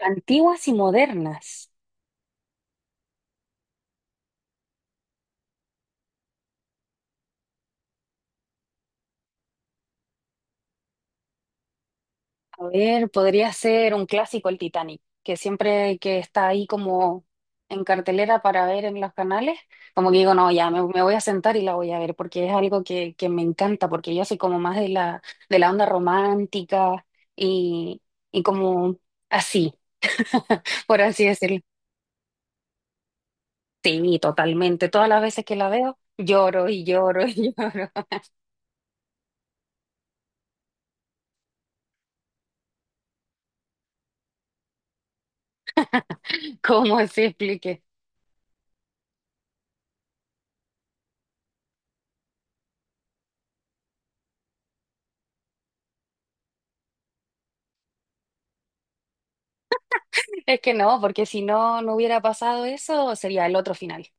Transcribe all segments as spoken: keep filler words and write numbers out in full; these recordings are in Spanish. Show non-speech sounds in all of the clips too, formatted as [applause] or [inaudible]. Antiguas y modernas. A ver, podría ser un clásico el Titanic, que siempre que está ahí como en cartelera para ver en los canales, como que digo, no, ya me, me voy a sentar y la voy a ver, porque es algo que, que me encanta, porque yo soy como más de la, de la onda romántica y, y como así, [laughs] por así decirlo. Sí, totalmente. Todas las veces que la veo, lloro y lloro y lloro. [laughs] ¿Cómo se explique? Es que no, porque si no, no hubiera pasado eso, sería el otro final.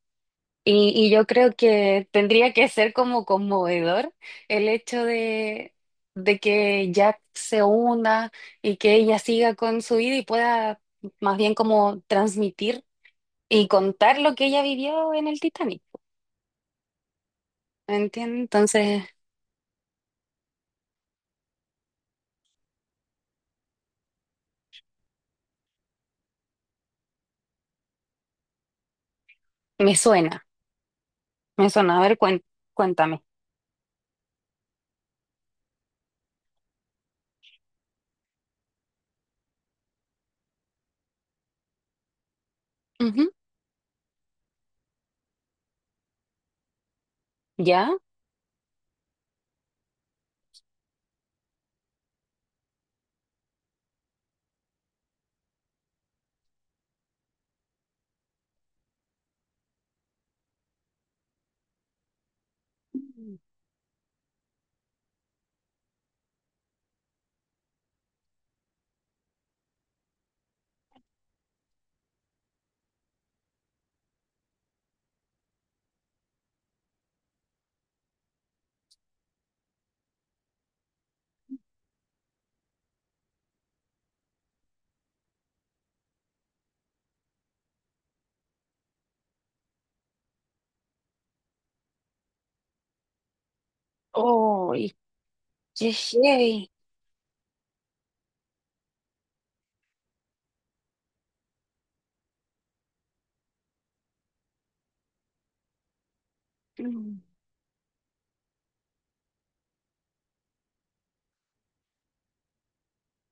Y, y yo creo que tendría que ser como conmovedor el hecho de, de que Jack se una y que ella siga con su vida y pueda más bien como transmitir y contar lo que ella vivió en el Titanic. ¿Entiendes? Entonces, me suena, me suena. A ver, cuen- cuéntame. Ujú. ¿Ya? Oh, qué heavy. Mm.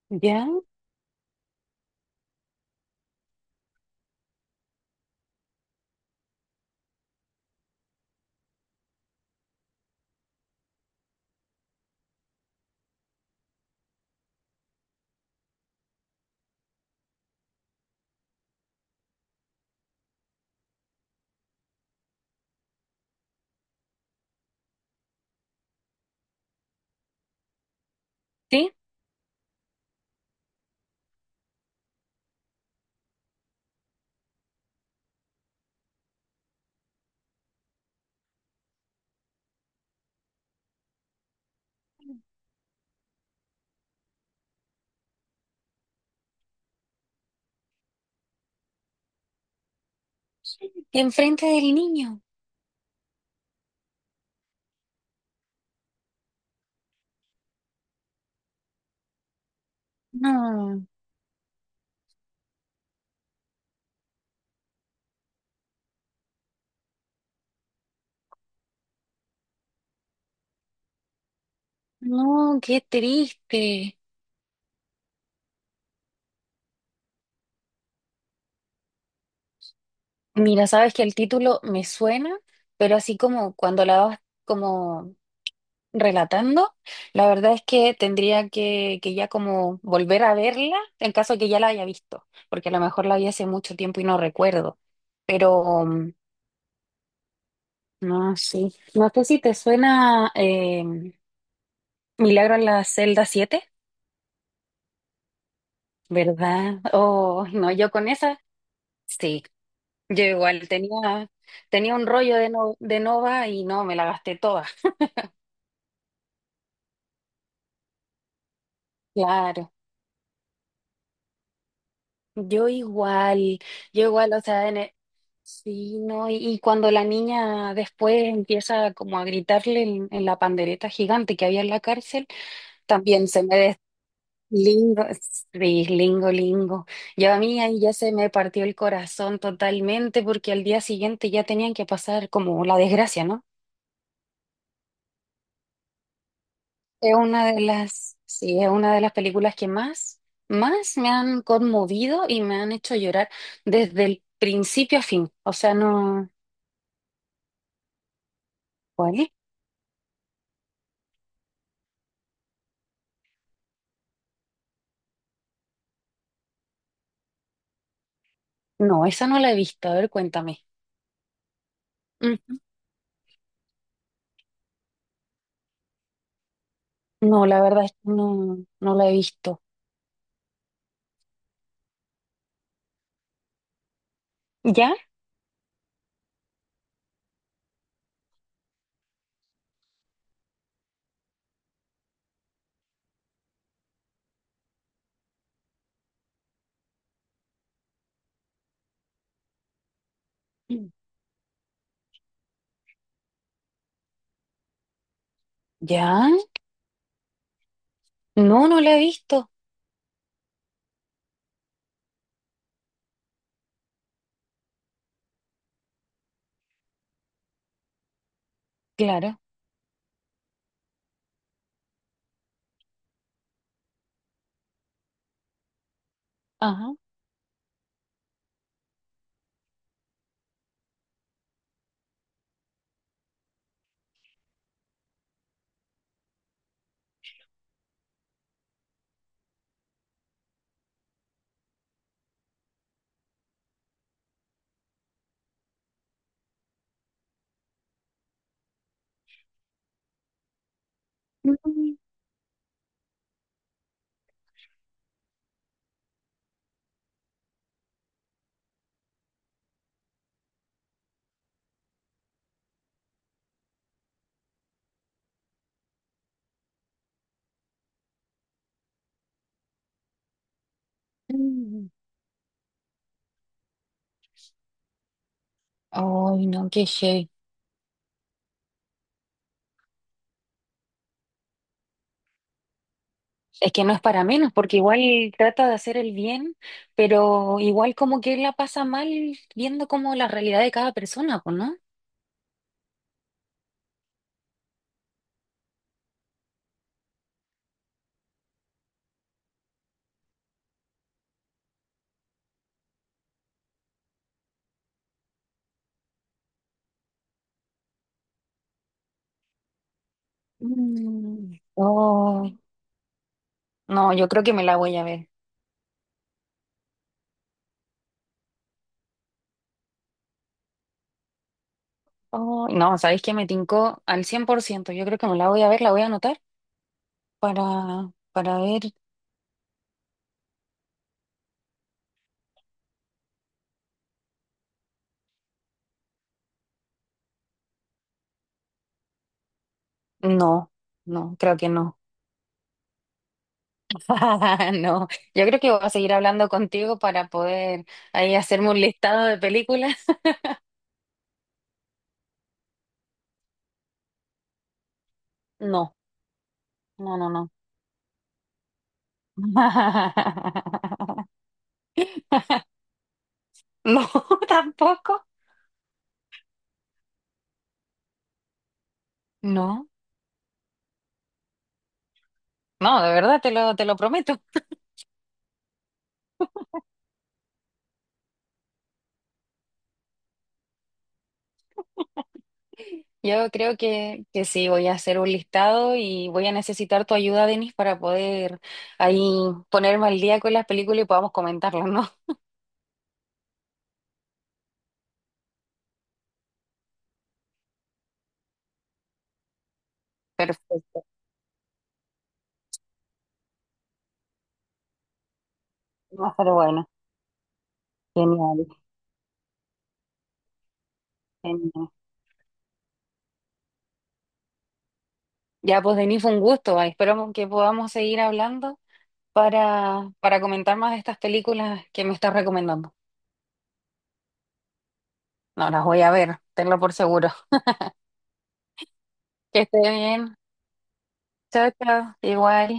¿Ya? ¿Sí? Enfrente del niño. No, no, qué triste. Mira, sabes que el título me suena, pero así como cuando la vas como relatando, la verdad es que tendría que, que ya como volver a verla en caso de que ya la haya visto, porque a lo mejor la vi hace mucho tiempo y no recuerdo. Pero mm, no, sí. No sé si te suena eh, Milagro en la celda siete, ¿verdad? Oh, no, yo con esa, sí. Yo igual tenía, tenía un rollo de, no, de Nova y no, me la gasté toda. Claro. Yo igual, yo igual, o sea, en e- sí, ¿no? Y, y cuando la niña después empieza como a gritarle en, en la pandereta gigante que había en la cárcel, también se me des- lingo, sí, lingo, lingo. Yo a mí ahí ya se me partió el corazón totalmente porque al día siguiente ya tenían que pasar como la desgracia, ¿no? Es una de las, sí, es una de las películas que más, más me han conmovido y me han hecho llorar desde el principio a fin. O sea, no. ¿Cuál es? No, esa no la he visto. A ver, cuéntame. Ujú. No, la verdad es que no, no la he visto. ¿Ya? Mm. ¿Ya? No, no la he visto. Claro. Ajá. Mm, mm. Ay, no, qué heavy. Es que no es para menos, porque igual trata de hacer el bien, pero igual como que la pasa mal viendo como la realidad de cada persona, pues, ¿no? Mm. Oh, no, yo creo que me la voy a ver. Oh, no, ¿sabéis que me tincó al cien por ciento? Yo creo que me la voy a ver, la voy a anotar. Para, para ver, no, no, creo que no. [laughs] No, yo creo que voy a seguir hablando contigo para poder ahí hacerme un listado de películas. No, no, no, no. [laughs] No, [laughs] tampoco. No, no, de verdad te lo, te lo prometo. Yo creo que, que sí, voy a hacer un listado y voy a necesitar tu ayuda, Denis, para poder ahí ponerme al día con las películas y podamos comentarlas, ¿no? [laughs] Perfecto. No, pero bueno, genial, genial. Ya, pues Denis, fue un gusto. Ah, esperamos que podamos seguir hablando para, para comentar más de estas películas que me estás recomendando. No las voy a ver, tenlo por seguro. Que esté bien. Chao, chao. Igual.